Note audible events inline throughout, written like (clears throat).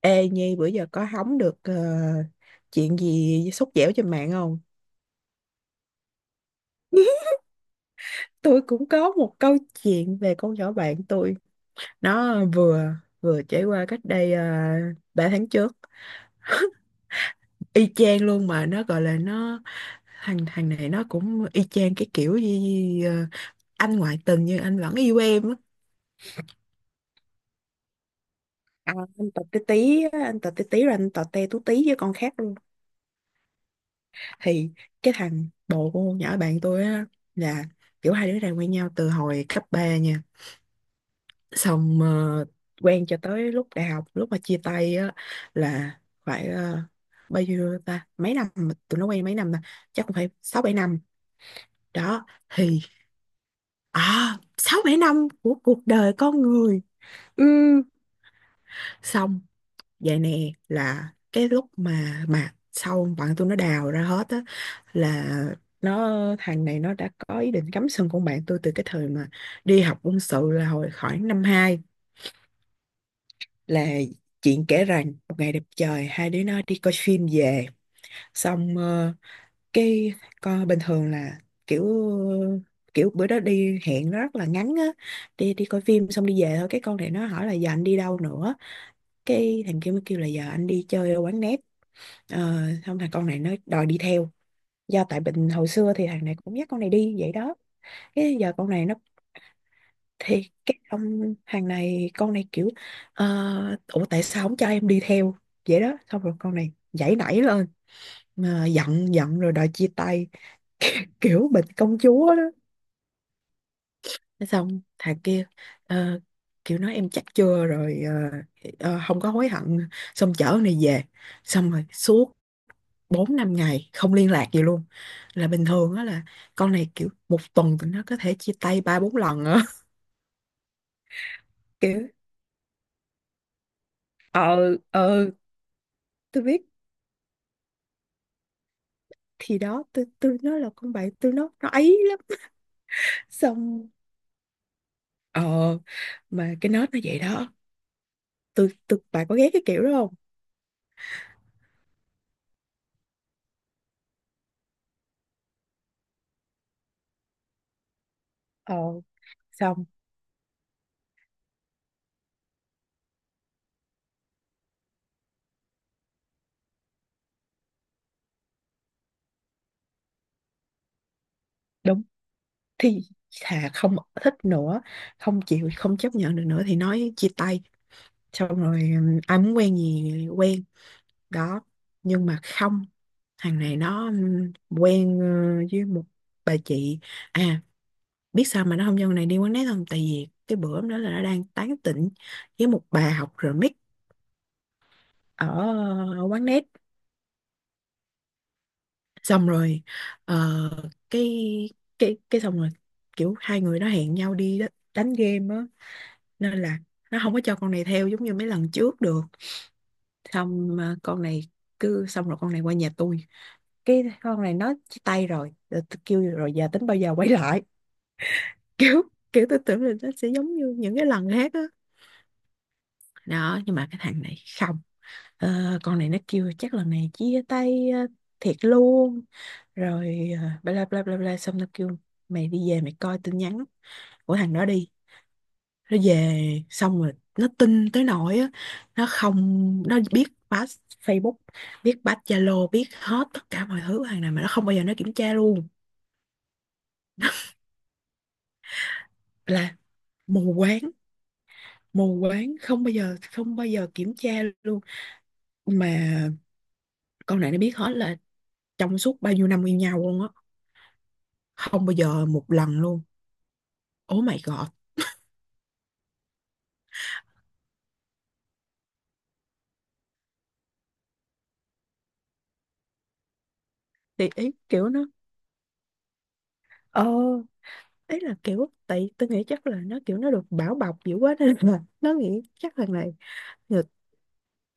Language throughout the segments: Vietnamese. Ê Nhi bữa giờ có hóng được chuyện gì sốt dẻo trên mạng không? (laughs) Tôi cũng có một câu chuyện về con nhỏ bạn tôi. Nó vừa vừa trải qua cách đây 3 tháng trước. Y chang luôn mà nó gọi là nó thằng thằng này nó cũng y chang cái kiểu gì anh ngoại tình nhưng anh vẫn yêu em á. À, anh tọt tí tí á, anh tọt tí tí rồi anh tọt te tú tí với con khác thì cái thằng bồ của con nhỏ bạn tôi á là kiểu hai đứa này quen nhau từ hồi cấp 3 nha, xong quen cho tới lúc đại học, lúc mà chia tay á là phải bao nhiêu ta, mấy năm mà tụi nó quen mấy năm ta, chắc cũng phải 6-7 năm đó. Thì à, 6-7 năm của cuộc đời con người, ừ. Xong vậy nè, là cái lúc mà sau bạn tôi nó đào ra hết á là nó, thằng này nó đã có ý định cắm sừng con bạn tôi từ cái thời mà đi học quân sự, là hồi khoảng năm hai. Là chuyện kể rằng một ngày đẹp trời, hai đứa nó đi coi phim về, xong cái coi bình thường là kiểu kiểu bữa đó đi hẹn nó rất là ngắn á, đi đi coi phim xong đi về thôi, cái con này nó hỏi là giờ anh đi đâu nữa. Cái thằng kia mới kêu là giờ anh đi chơi ở quán net. Xong thằng con này nó đòi đi theo, do tại bệnh hồi xưa thì thằng này cũng dắt con này đi vậy đó. Cái giờ con này nó, thì cái ông thằng này, con này kiểu ờ, ủa tại sao không cho em đi theo. Vậy đó xong rồi con này giãy nảy lên mà giận giận rồi đòi chia tay, kiểu bệnh công chúa đó. Xong thằng kia ờ, kiểu nói em chắc chưa rồi không có hối hận. Xong chở con này về, xong rồi suốt 4-5 ngày không liên lạc gì luôn. Là bình thường á là con này kiểu một tuần tụi nó có thể chia tay ba bốn lần á. (laughs) Kiểu ờ ờ tôi biết. Thì đó, tôi nó là con bạn tôi, nó ấy lắm. Xong ờ mà cái nết nó vậy đó. Tôi bạn có ghét cái kiểu đó không? Ờ Xong đúng thì thà không thích nữa, không chịu, không chấp nhận được nữa thì nói chia tay. Xong rồi ừ, ai muốn quen gì quen đó, nhưng mà không, thằng này nó quen với một bà chị à. Biết sao mà nó không cho con này đi quán nét không, tại vì cái bữa hôm đó là nó đang tán tỉnh với một bà học remix ở, ở quán nét. Xong rồi ờ, cái cái xong rồi kiểu hai người nó hẹn nhau đi đó, đánh game á, nên là nó không có cho con này theo giống như mấy lần trước được. Xong con này cứ, xong rồi con này qua nhà tôi, cái con này nó chia tay rồi rồi tôi kêu rồi giờ tính bao giờ quay lại. (laughs) kiểu kiểu tôi tưởng là nó sẽ giống như những cái lần khác á đó. Nhưng mà cái thằng này không. Con này nó kêu chắc lần này chia tay thiệt luôn rồi bla bla bla bla bla. Xong nó kêu mày đi về mày coi tin nhắn của thằng đó đi. Nó về, xong rồi nó tin tới nỗi á, nó không, nó biết pass Facebook, biết pass Zalo, biết hết tất cả mọi thứ của thằng này mà nó không bao giờ nó kiểm tra luôn. Là mù quáng, mù quáng không bao giờ, không bao giờ kiểm tra luôn. Mà con này nó biết hết, là trong suốt bao nhiêu năm yêu nhau luôn á, không bao giờ một lần luôn. Oh my god. Thì ý kiểu nó ờ ấy, là kiểu tại tôi nghĩ chắc là nó kiểu, nó được bảo bọc dữ quá nên là nó nghĩ chắc thằng này người-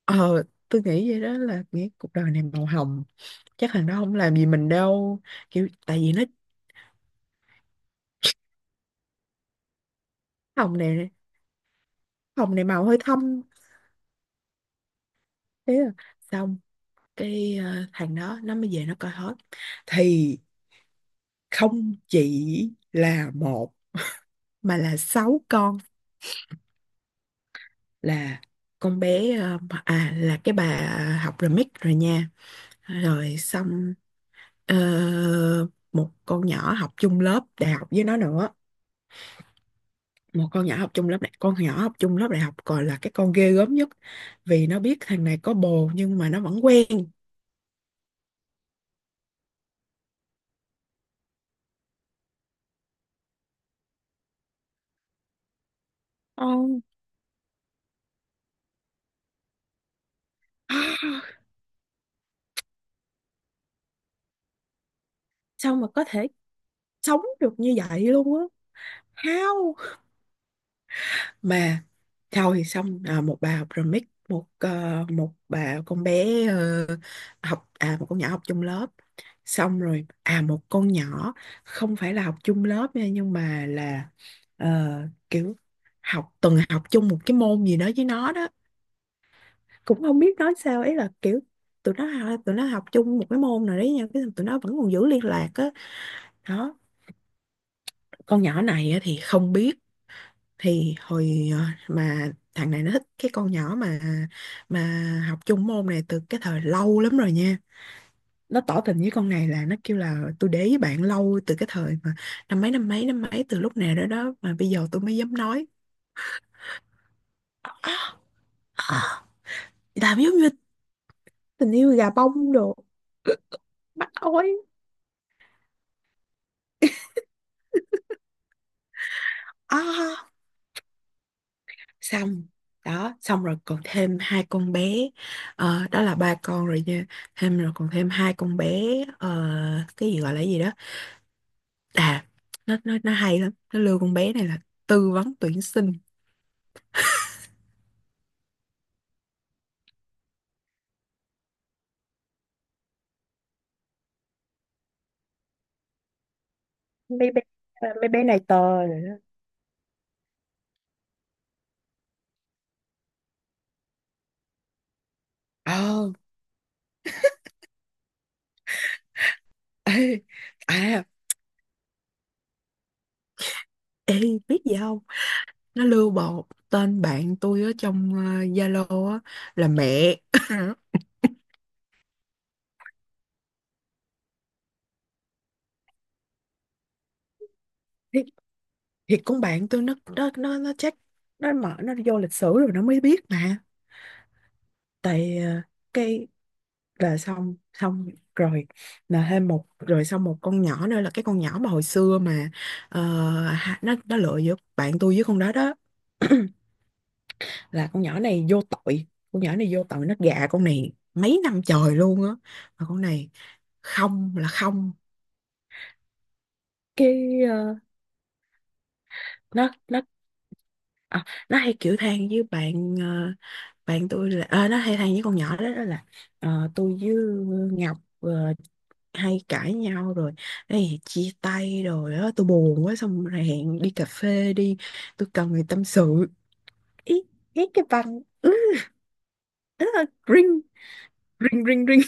ờ tôi nghĩ vậy đó, là nghĩ cuộc đời này màu hồng, chắc thằng đó không làm gì mình đâu kiểu. Tại vì nó hồng này, hồng này màu hơi thâm. Thế là xong, cái thằng đó nó mới về nó coi hết thì không chỉ là một mà là sáu con. Là con bé à, là cái bà học remix rồi nha. Rồi xong ờ, một con nhỏ học chung lớp đại học với nó nữa, một con nhỏ học chung lớp đại con nhỏ học chung lớp đại học còn là cái con ghê gớm nhất, vì nó biết thằng này có bồ nhưng mà nó vẫn quen. Ồ, (gasps) sao mà có thể sống được như vậy luôn á, how. Mà thôi, xong à, một bà học remix, một bà con bé học à, một con nhỏ học chung lớp. Xong rồi à, một con nhỏ không phải là học chung lớp nha, nhưng mà là ờ, kiểu từng học chung một cái môn gì đó với nó đó. Cũng không biết nói sao ấy, là kiểu tụi nó tụi nó học chung một cái môn nào đấy nha, cái tụi nó vẫn còn giữ liên lạc á đó. Con nhỏ này á thì không biết, thì hồi mà thằng này nó thích cái con nhỏ mà học chung môn này từ cái thời lâu lắm rồi nha. Nó tỏ tình với con này là nó kêu là tôi để ý bạn lâu từ cái thời mà năm mấy, năm mấy, năm mấy, từ lúc nào đó đó mà bây giờ tôi mới dám nói. (gasps) Làm giống như tình yêu gà bông đồ, bắt ói. (laughs) À. Xong đó, xong rồi còn thêm hai con bé. Đó là ba con rồi nha, thêm rồi còn thêm hai con bé. ờ, cái gì gọi là cái gì đó à, nó hay lắm, nó lừa con bé này là tư vấn tuyển sinh. Mấy bé à, mấy bé này to rồi đó. ờ (laughs) Ê à, ê biết gì không, nó lưu bộ tên bạn tôi ở trong Zalo á là mẹ. (laughs) thì, thì con bạn tôi nó check, nó mở nó vô lịch sử rồi nó mới biết mà. Tại cái là xong xong rồi là thêm một, rồi xong một con nhỏ nữa là cái con nhỏ mà hồi xưa mà ờ, nó lựa giữa bạn tôi với con đó đó. (clears throat) Là con nhỏ này vô tội, con nhỏ này vô tội, nó gạ con này mấy năm trời luôn á mà con này không là không. Cái nó à, nó hay kiểu than với bạn bạn tôi, là nó hay than với con nhỏ đó, đó là tôi với Ngọc hay cãi nhau rồi. Ê, chia tay rồi á, tôi buồn quá, xong rồi hẹn đi cà phê đi, tôi cần người tâm sự. Ý, ý cái bằng. (laughs) Ring ring ring ring.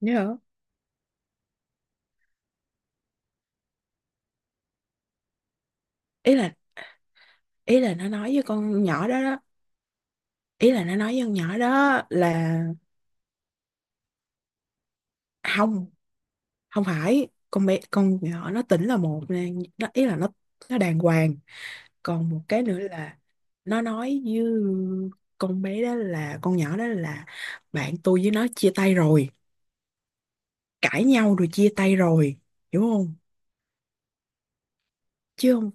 Nhớ, ý là ý là nó nói với con nhỏ đó đó, ý là nó nói với con nhỏ đó là không, không phải con bé, con nhỏ nó tỉnh là một nè, nó ý là nó đàng hoàng. Còn một cái nữa là nó nói với con bé đó là, con nhỏ đó là bạn tôi với nó chia tay rồi, cãi nhau rồi, chia tay rồi, hiểu không, chứ không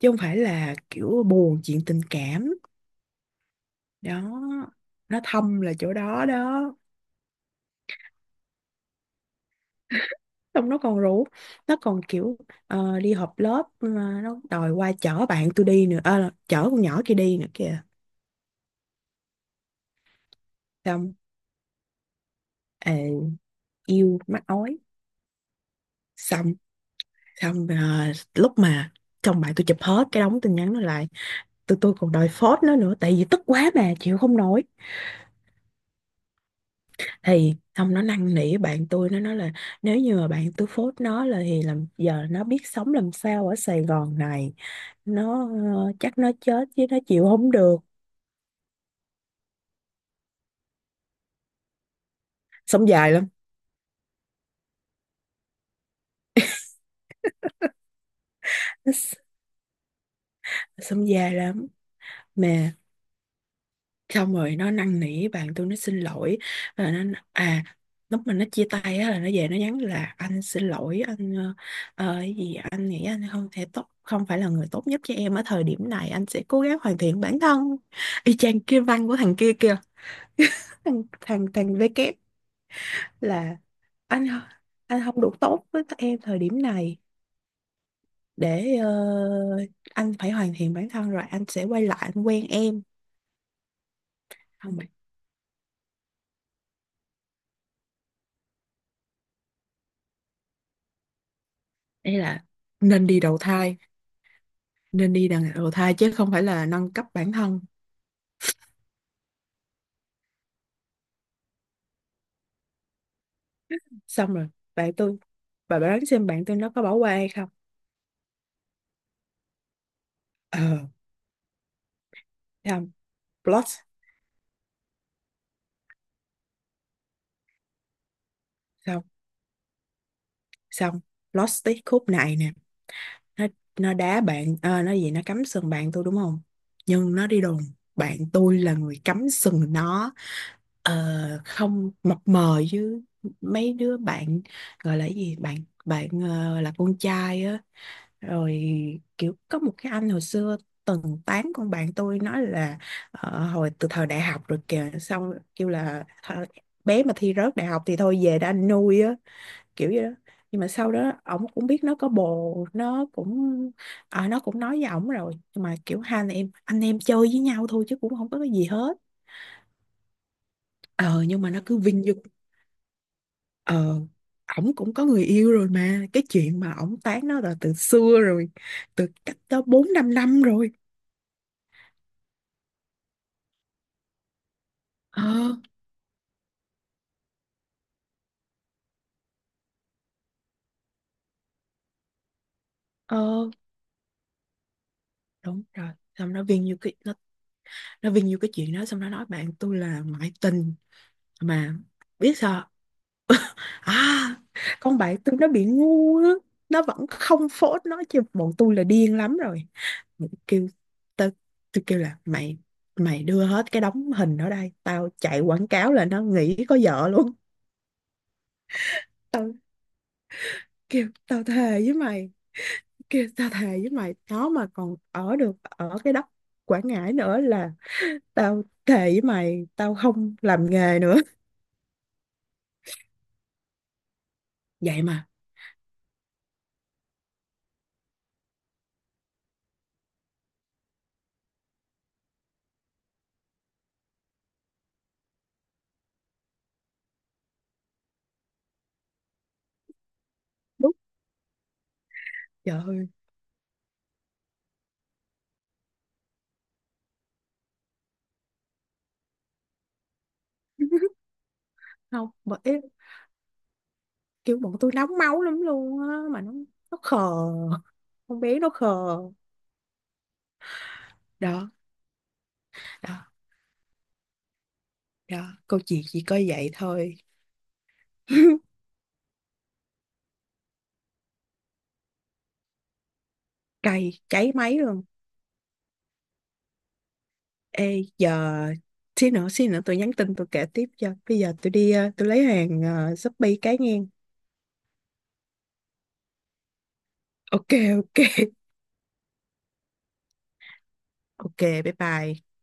chứ không phải là kiểu buồn chuyện tình cảm đó. Nó thâm là chỗ đó đó. Xong nó còn rủ, nó còn kiểu đi họp lớp mà nó đòi qua chở bạn tôi đi nữa. Ờ, Chở con nhỏ kia đi nữa kìa. Xong ờ, yêu mắc ói. Xong xong lúc mà chồng bạn tôi chụp hết cái đống tin nhắn nó lại, tụi tôi còn đòi phốt nó nữa tại vì tức quá mà chịu không nổi, thì xong nó năn nỉ bạn tôi, nó nói là nếu như mà bạn tôi phốt nó là, thì làm giờ nó biết sống làm sao ở Sài Gòn này, nó chắc nó chết chứ nó chịu không được. Sống dài lắm, nó s- sống dài lắm mà. Xong rồi nó năn nỉ bạn tôi, nó xin lỗi, và nó à, lúc mà nó chia tay á là nó về nó nhắn là anh xin lỗi, anh cái gì anh nghĩ anh không thể tốt, không phải là người tốt nhất cho em ở thời điểm này, anh sẽ cố gắng hoàn thiện bản thân. Y chang kia, văn của thằng kia kìa, thằng thằng thằng V kép, là anh anh không đủ tốt với tụi em thời điểm này, để anh phải hoàn thiện bản thân rồi anh sẽ quay lại anh quen em. Không mày, ấy là nên đi đầu thai, nên đi đằng đầu thai chứ không phải là nâng cấp bản thân. Xong rồi bạn tôi, bà đoán xem bạn tôi nó có bỏ qua hay không. ờ Xong plot, xong xong plot twist khúc này nè. Nó nó đá bạn, à, nó gì, nó cắm sừng bạn tôi đúng không, nhưng nó đi đồn bạn tôi là người cắm sừng nó. Ờ, Không mập mờ chứ, mấy đứa bạn gọi là cái gì, bạn bạn là con trai á. Rồi kiểu có một cái anh hồi xưa từng tán con bạn tôi, nói là hồi từ thời đại học rồi kìa, xong kêu là "Thôi, bé mà thi rớt đại học thì thôi về đã anh nuôi á", kiểu vậy đó. Nhưng mà sau đó ổng cũng biết nó có bồ, nó cũng à, nó cũng nói với ổng rồi, nhưng mà kiểu hai anh em, anh em chơi với nhau thôi chứ cũng không có cái gì hết. Ờ nhưng mà nó cứ vinh dung. ờ Ổng cũng có người yêu rồi mà, cái chuyện mà ổng tán nó là từ xưa rồi, từ cách đó 4-5 năm rồi. ờ ờ Đúng rồi. Xong nó viên như cái chuyện đó, xong nó nói bạn tôi là ngoại tình mà biết sao. À, con bạn tôi nó bị ngu á, nó vẫn không phốt nó chứ bọn tôi là điên lắm rồi. Mình kêu tao, tôi kêu là mày mày đưa hết cái đống hình ở đây, tao chạy quảng cáo là nó nghĩ có vợ luôn. Tao kêu tao thề với mày, kêu tao thề với mày, nó mà còn ở được ở cái đất Quảng Ngãi nữa là tao thề với mày, tao không làm nghề nữa. Vậy mà. Đúng. Trời ơi. (laughs) Không, bởi kiểu bọn tôi nóng máu lắm luôn á mà nó khờ, con bé nó khờ đó. Đó đó, câu chuyện chỉ có vậy thôi. (laughs) Cay cháy máy luôn. Ê giờ xí nữa, xí nữa tôi nhắn tin tôi kể tiếp cho, bây giờ tôi đi tôi lấy hàng Shopee cái nghe. Ok ok ok, bye bye.